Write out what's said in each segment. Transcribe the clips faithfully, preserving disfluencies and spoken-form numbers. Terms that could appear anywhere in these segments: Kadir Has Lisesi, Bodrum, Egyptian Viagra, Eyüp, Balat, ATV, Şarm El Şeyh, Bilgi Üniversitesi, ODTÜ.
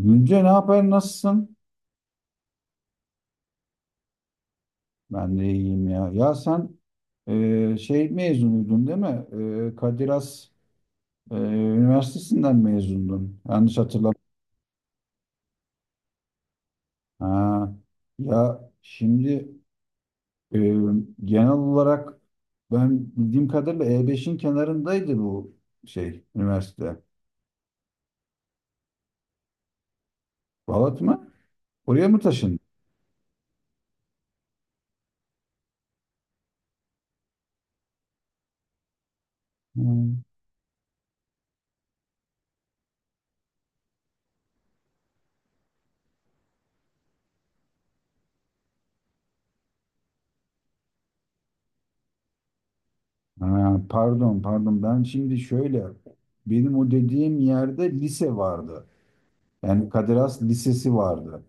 Gülce, ne haber, nasılsın? Ben de iyiyim ya. Ya sen e, şey mezunuydun değil mi? E, Kadir Has e, Üniversitesinden mezundun. Yanlış hatırlamıyorum. Ha. Ya şimdi e, genel olarak ben bildiğim kadarıyla E beşin kenarındaydı bu şey üniversite. Balat mı? Oraya mı taşındın? Hmm. Ha, pardon, pardon, ben şimdi şöyle, benim o dediğim yerde lise vardı. Yani Kadir Has Lisesi vardı.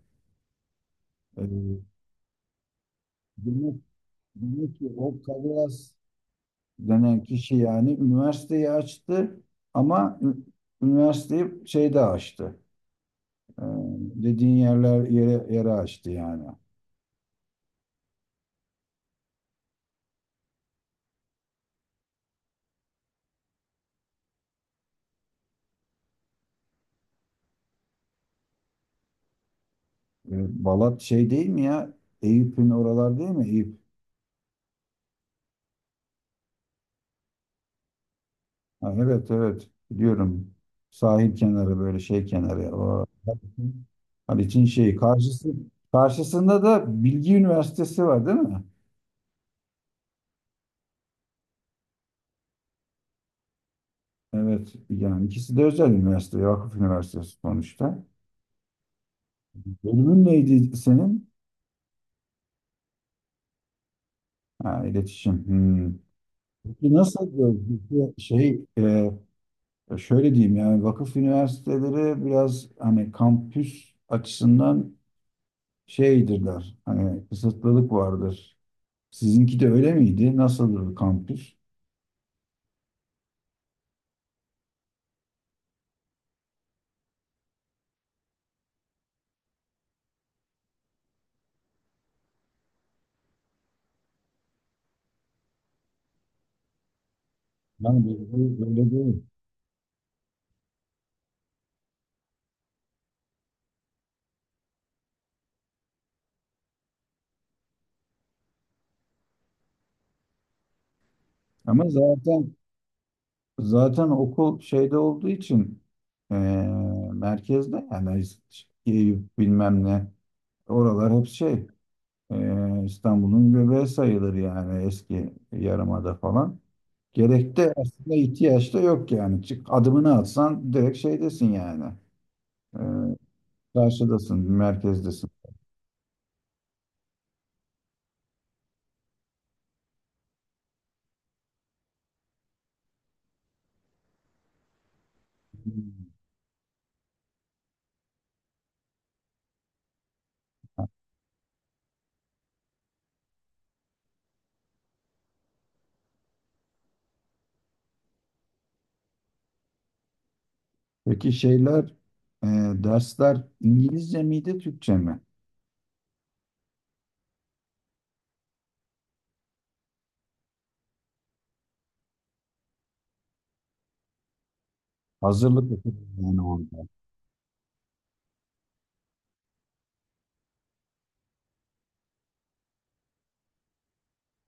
Ee, demek, demek ki o Kadir Has denen kişi yani üniversiteyi açtı ama ü- üniversiteyi şeyde açtı. Ee, dediğin yerler yere, yere açtı yani. Ee, Balat şey değil mi ya? Eyüp'ün oralar değil mi? Eyüp. Ha, evet, evet, biliyorum. Sahil kenarı, böyle şey kenarı. O, Haliç'in şeyi. Karşısı, karşısında da Bilgi Üniversitesi var değil mi? Evet, yani ikisi de özel üniversite, Vakıf Üniversitesi sonuçta. Bölümün neydi senin? Ha, iletişim. Hmm. Peki nasıl böyle bir şey, e, şöyle diyeyim, yani vakıf üniversiteleri biraz hani kampüs açısından şeydirler. Hani kısıtlılık vardır. Sizinki de öyle miydi? Nasıldır kampüs? Ben böyle değil. Ama zaten Zaten okul şeyde olduğu için eee, merkezde yani, Eyüp bilmem ne, oralar hep şey, eee, İstanbul'un göbeği sayılır yani, eski yarımada falan. Gerek de aslında, ihtiyaç da yok yani. Çık adımını atsan direkt şeydesin yani. Eee, karşıdasın, merkezdesin. Peki şeyler, e, dersler İngilizce miydi, Türkçe mi? Hazırlık okulu yani orada.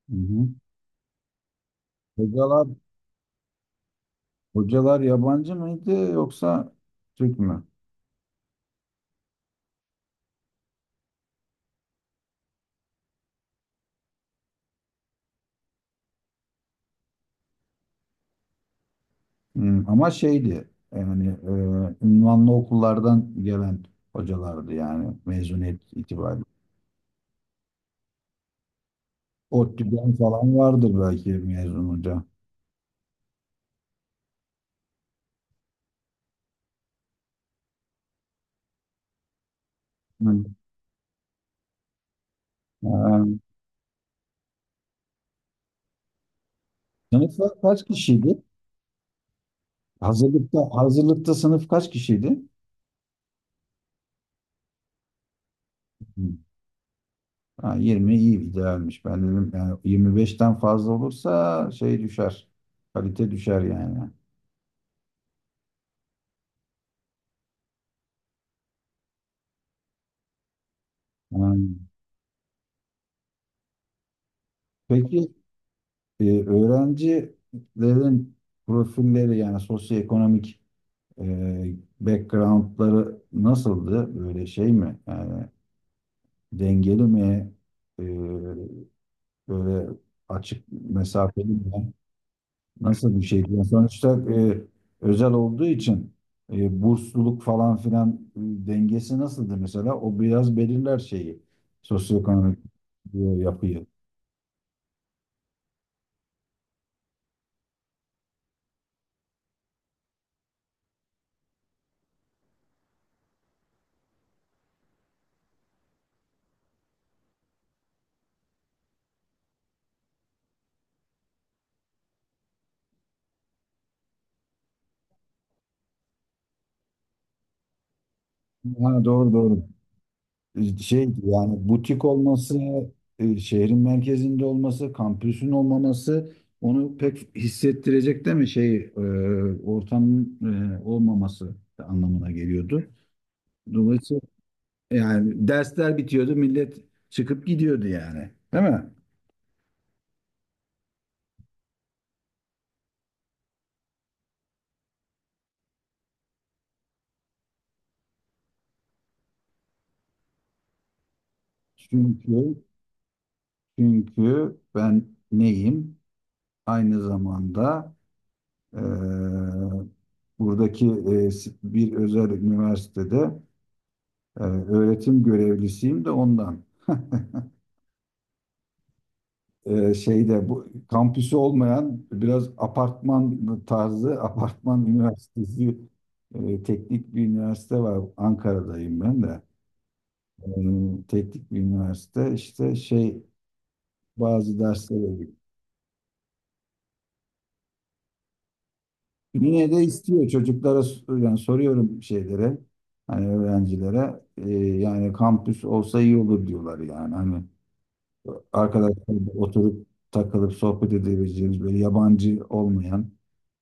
Hı hı. Hocalar Hocalar yabancı mıydı yoksa Türk mü? Hmm, ama şeydi yani, e, ünvanlı okullardan gelen hocalardı yani mezuniyet itibariyle. ODTÜ'den falan vardır belki mezun hoca. Hmm. Ee, sınıflar kaç kişiydi? Hazırlıkta hazırlıkta sınıf kaç kişiydi? Hmm. Ha, yirmi iyi idealmiş. Ben dedim yani yirmi beşten fazla olursa şey düşer. Kalite düşer yani. Hmm. Peki E, öğrencilerin profilleri yani sosyoekonomik, e, backgroundları nasıldı? Böyle şey mi? Yani dengeli mi? E, böyle açık mesafeli mi? Nasıl bir şeydi? Yani sonuçta e, özel olduğu için, e, bursluluk falan filan, e, dengesi nasıldı mesela? O biraz belirler şeyi. Sosyoekonomik, e, yapıyı. Ha, doğru, doğru. Ee, şey, yani butik olması, e, şehrin merkezinde olması, kampüsün olmaması, onu pek hissettirecek değil mi? Şey, e, ortamın, e, olmaması anlamına geliyordu. Dolayısıyla yani dersler bitiyordu, millet çıkıp gidiyordu yani. Değil mi? Çünkü çünkü ben neyim? Aynı zamanda e, buradaki e, bir özel üniversitede Ee, öğretim görevlisiyim de ondan. Ee, şeyde, bu kampüsü olmayan biraz apartman tarzı apartman üniversitesi, e, teknik bir üniversite var. Ankara'dayım ben de. Ee, teknik bir üniversite işte şey, bazı derslere gidiyor. Yine de istiyor, çocuklara yani soruyorum şeylere, hani öğrencilere, e, yani kampüs olsa iyi olur diyorlar yani, hani arkadaşlar oturup takılıp sohbet edebileceğimiz, böyle yabancı olmayan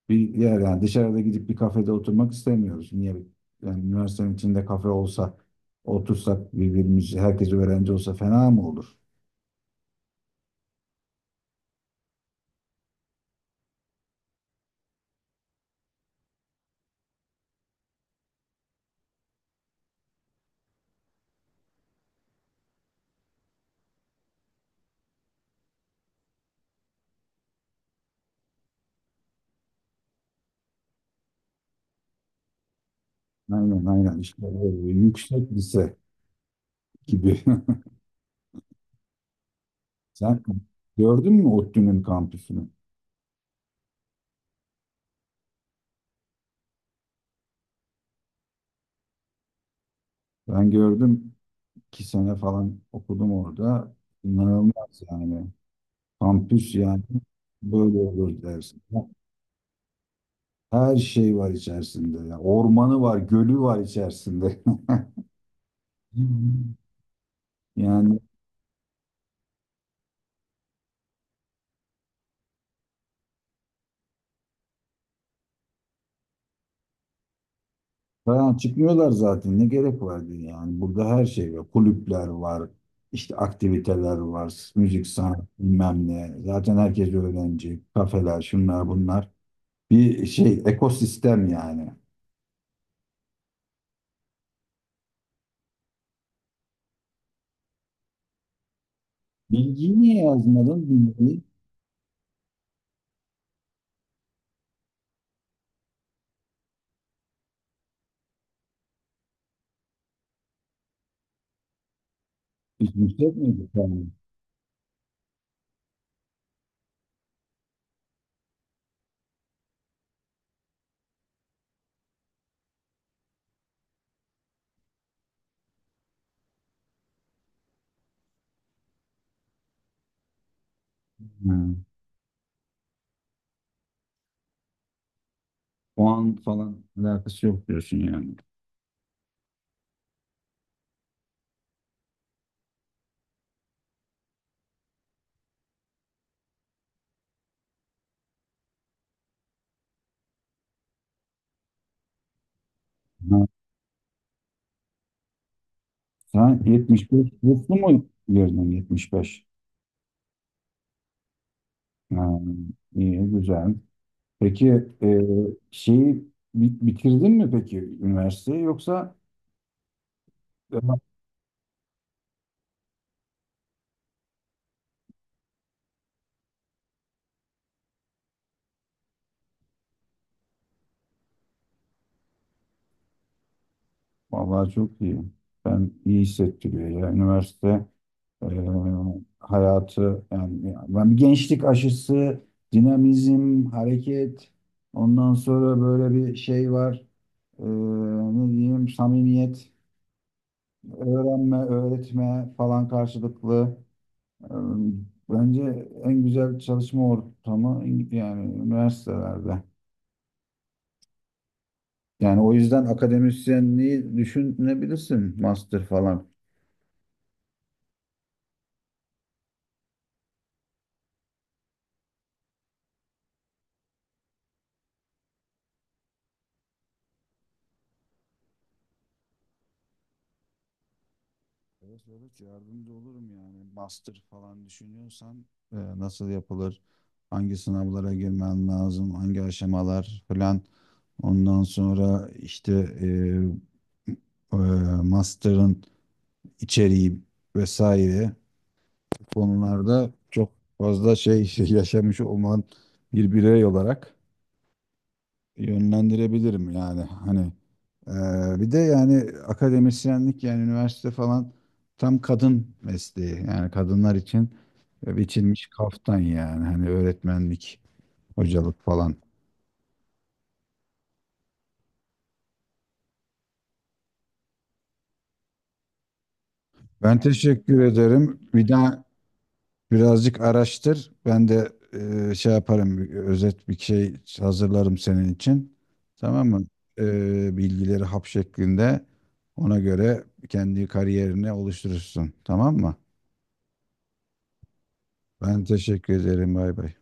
bir yer, yani dışarıda gidip bir kafede oturmak istemiyoruz. Niye? Yani üniversitenin içinde kafe olsa, otursak, birbirimiz herkes öğrenci olsa fena mı olur? Aynen, aynen, işte böyle yüksek lise gibi. Sen gördün mü ODTÜ'nün kampüsünü? Ben gördüm, iki sene falan okudum orada. İnanılmaz yani. Kampüs yani, böyle olur dersin. Her şey var içerisinde. Ya. Ormanı var, gölü var içerisinde. Yani falan çıkmıyorlar zaten. Ne gerek vardı yani? Burada her şey var. Kulüpler var. İşte aktiviteler var. Müzik, sanat, bilmem ne. Zaten herkes öğrenci. Kafeler, şunlar bunlar. Bir şey, ekosistem yani. Bilgiyi niye yazmadın? Bilgiyi hiç yükseltmedin sen. Ha, o an falan alakası yok diyorsun yani. Ha, Sen yetmiş beş burslu mu girdin, yetmiş beş? Ha, iyi, güzel. Peki e, şeyi bi- bitirdin mi peki üniversiteyi yoksa e, vallahi çok iyi. Ben, iyi hissettiriyor ya üniversite, e, hayatı yani, ya ben, bir gençlik aşısı, dinamizm, hareket, ondan sonra böyle bir şey var. E, ne diyeyim, samimiyet, öğrenme, öğretme falan, karşılıklı. Ee, Bence en güzel çalışma ortamı İng- yani üniversitelerde. Yani o yüzden akademisyenliği düşünebilirsin, master falan. Evet, evet, yardımcı olurum yani. Master falan düşünüyorsan e, nasıl yapılır? Hangi sınavlara girmen lazım? Hangi aşamalar falan. Ondan sonra işte e, e, master'ın içeriği vesaire. Konularda çok fazla şey yaşamış olman, bir birey olarak yönlendirebilirim yani, hani eee, bir de yani akademisyenlik yani üniversite falan tam kadın mesleği yani, kadınlar için biçilmiş kaftan yani, hani öğretmenlik, hocalık falan. Ben teşekkür ederim. Bir daha, birazcık araştır. Ben de e, şey yaparım, bir özet bir şey hazırlarım senin için. Tamam mı? E, bilgileri hap şeklinde, ona göre kendi kariyerini oluşturursun. Tamam mı? Ben teşekkür ederim. Bay bay.